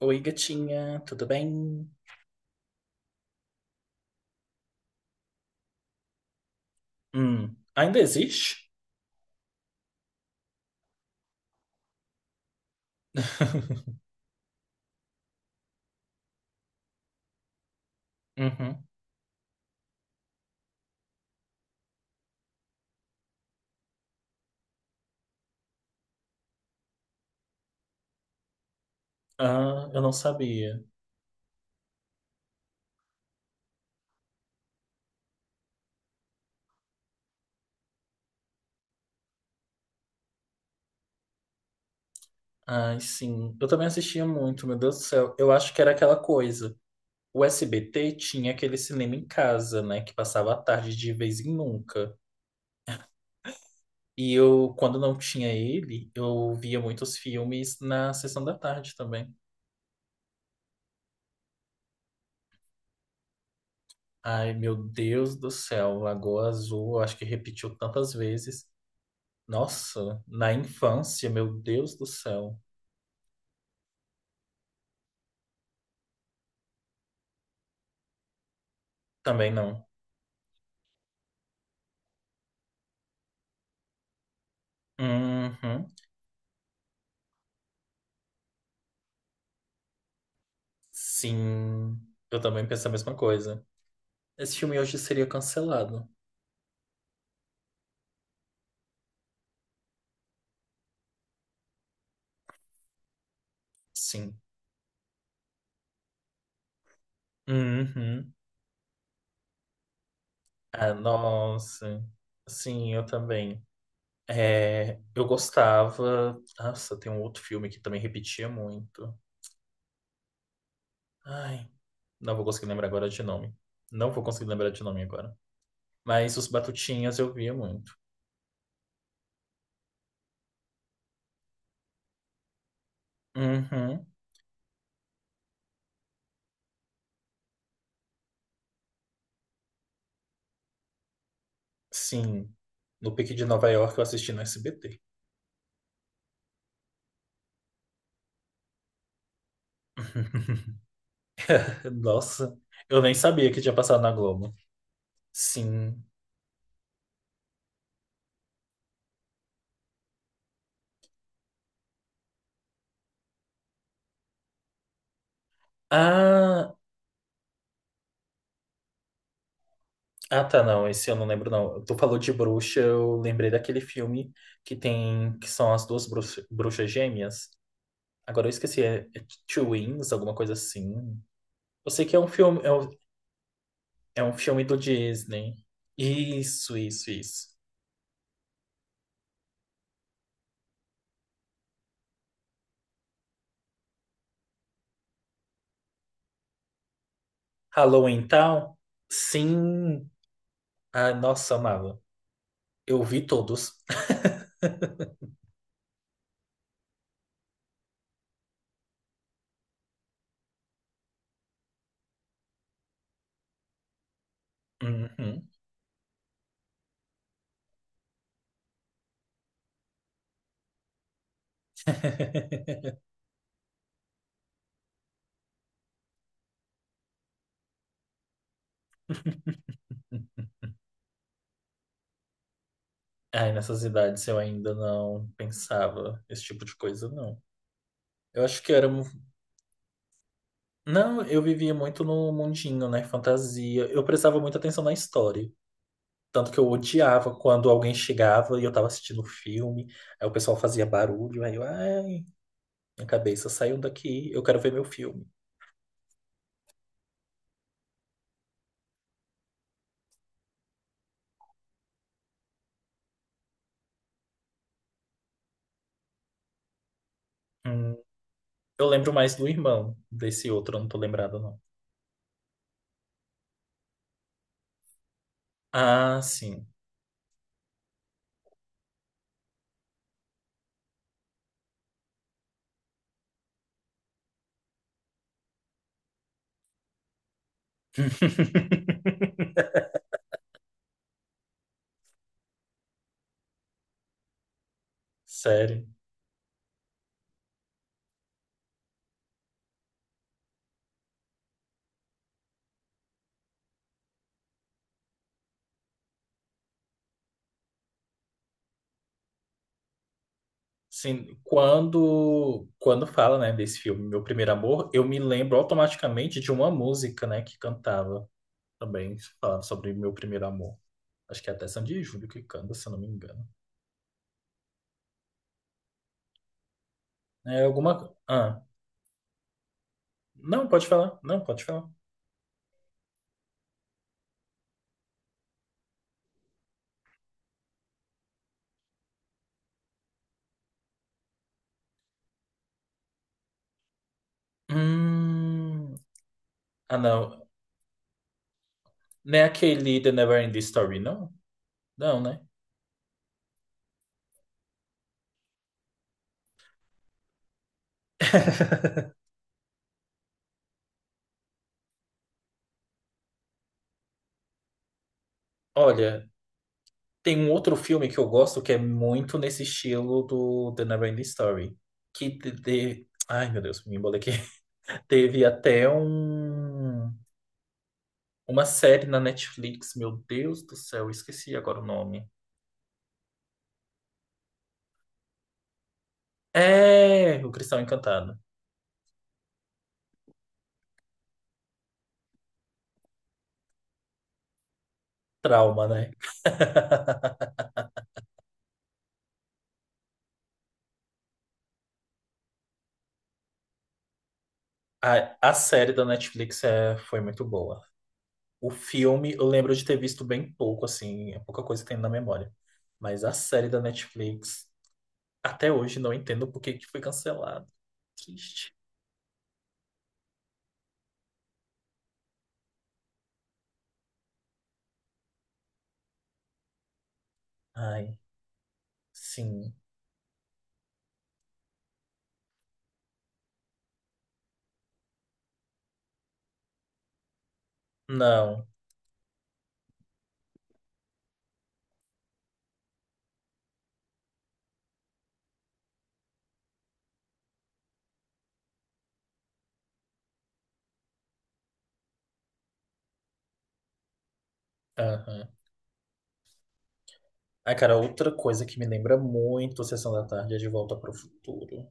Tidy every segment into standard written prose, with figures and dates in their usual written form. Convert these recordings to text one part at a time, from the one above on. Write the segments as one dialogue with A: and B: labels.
A: Oi, gatinha, tudo bem? Ainda existe? Uhum. Ah, eu não sabia. Ai, sim. Eu também assistia muito, meu Deus do céu. Eu acho que era aquela coisa. O SBT tinha aquele cinema em casa, né? Que passava a tarde de vez em nunca. E eu, quando não tinha ele, eu via muitos filmes na sessão da tarde também. Ai, meu Deus do céu. Lagoa Azul, eu acho que repetiu tantas vezes. Nossa, na infância, meu Deus do céu. Também não. Uhum. Sim, eu também penso a mesma coisa. Esse filme hoje seria cancelado. Sim. Uhum. Ah, nossa. Sim, eu também. É, eu gostava. Nossa, tem um outro filme que também repetia muito. Ai, não vou conseguir lembrar agora de nome. Não vou conseguir lembrar de nome agora. Mas Os Batutinhas eu via muito. Uhum. Sim. No Pique de Nova York eu assisti no SBT. Nossa, eu nem sabia que tinha passado na Globo. Sim. Ah, ah, tá, não, esse eu não lembro, não. Tu falou de bruxa, eu lembrei daquele filme que tem, que são as duas bruxas gêmeas. Agora eu esqueci, é Twins, alguma coisa assim. Eu sei que é um filme, é um filme do Disney. Isso, isso, isso. Halloween Town? Sim. Ah, nossa, amava. Eu vi todos. Uhum. Ai, nessas idades eu ainda não pensava esse tipo de coisa, não. Eu acho que Não, eu vivia muito no mundinho, né? Fantasia. Eu prestava muita atenção na história. Tanto que eu odiava quando alguém chegava e eu tava assistindo o filme, aí o pessoal fazia barulho, aí eu, ai, minha cabeça saiu daqui, eu quero ver meu filme. Hum, eu lembro mais do irmão, desse outro eu não tô lembrado, não. Ah, sim. Sério. Sim, quando fala, né, desse filme, Meu Primeiro Amor, eu me lembro automaticamente de uma música, né, que cantava, também falando sobre meu primeiro amor. Acho que é até Sandy e Júlio que canta, se eu não me engano. Ah, não, pode falar. Não, pode falar. Hum... Ah, não. Não é aquele The Neverending Story, não? Não, né? Olha, tem um outro filme que eu gosto que é muito nesse estilo do The Neverending Story. Ai, meu Deus, me embolei aqui. Teve até um... uma série na Netflix, meu Deus do céu, eu esqueci agora o nome. É, O Cristão Encantado. Trauma, né? A série da Netflix foi muito boa. O filme, eu lembro de ter visto bem pouco, assim, é pouca coisa que tem na memória. Mas a série da Netflix, até hoje não entendo por que que foi cancelado. Triste. Ai, sim. Não. Aham. Ai, cara, outra coisa que me lembra muito a Sessão da Tarde é De Volta para o Futuro.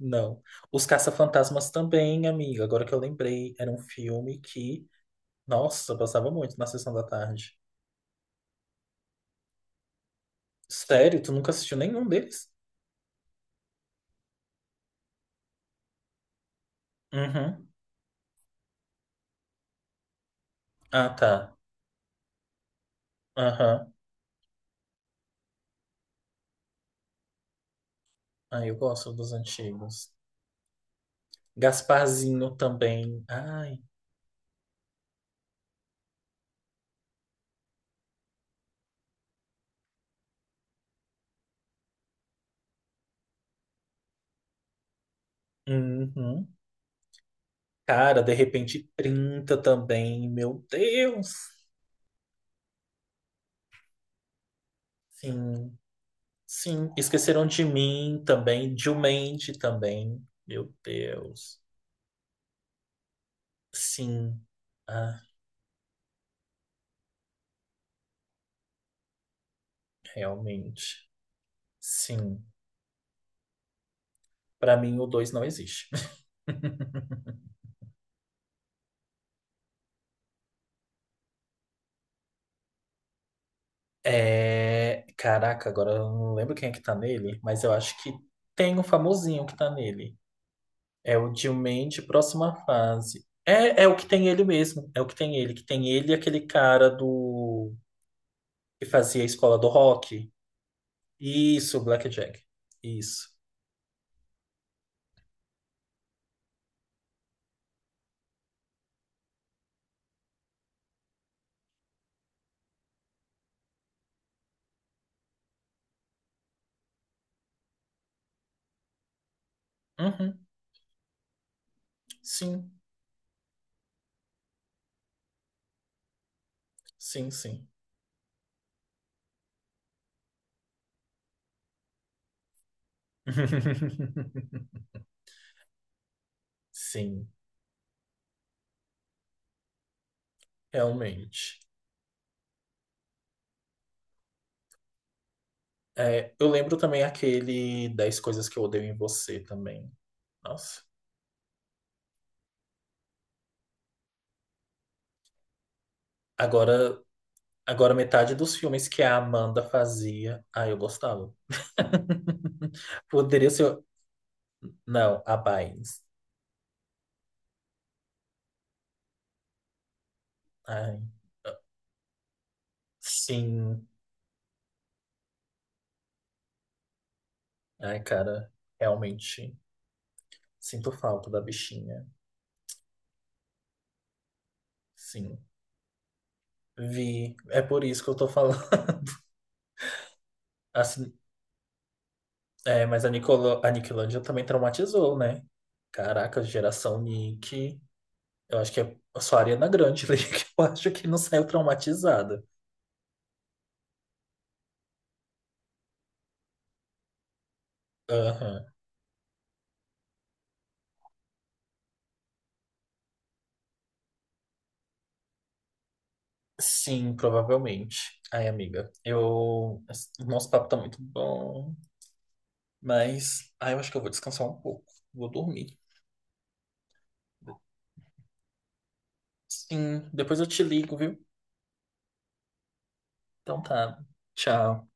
A: Não. Os Caça-Fantasmas também, amiga. Agora que eu lembrei, era um filme que, nossa, passava muito na Sessão da Tarde. Sério? Tu nunca assistiu nenhum deles? Uhum. Ah, tá. Aham. Ah, eu gosto dos antigos. Gasparzinho também. Ai. Uhum. Cara, de repente 30 também. Meu Deus. Sim. Sim. Esqueceram de mim também. Dilmente também. Meu Deus. Sim. Ah, realmente. Sim. Pra mim, o 2 não existe. É... Caraca, agora eu não lembro quem é que tá nele, mas eu acho que tem um famosinho que tá nele. É o Dilmende, próxima fase. É o que tem ele mesmo. É o que tem ele. Que tem ele e aquele cara do que fazia a escola do rock. Isso, Blackjack. Isso. Uhum. Sim, sim, sim. Sim, realmente. É, eu lembro também aquele dez coisas que eu odeio em você também. Nossa. Agora Agora, metade dos filmes que a Amanda fazia, ah, eu gostava. Poderia ser. Não, a Bynes. Ai, sim. Ai, cara, realmente sinto falta da bichinha. Sim. Vi. É por isso que eu tô falando. Assim, é, a Nickelodeon também traumatizou, né? Caraca, geração Nick. Eu acho que é só a Ariana Grande ali que eu acho que não saiu traumatizada. Aham. Sim, provavelmente. Ai, amiga, eu. Esse- Nosso papo tá muito bom, mas. Ai, eu acho que eu vou descansar um pouco. Vou dormir. Sim, depois eu te ligo, viu? Então tá. Tchau.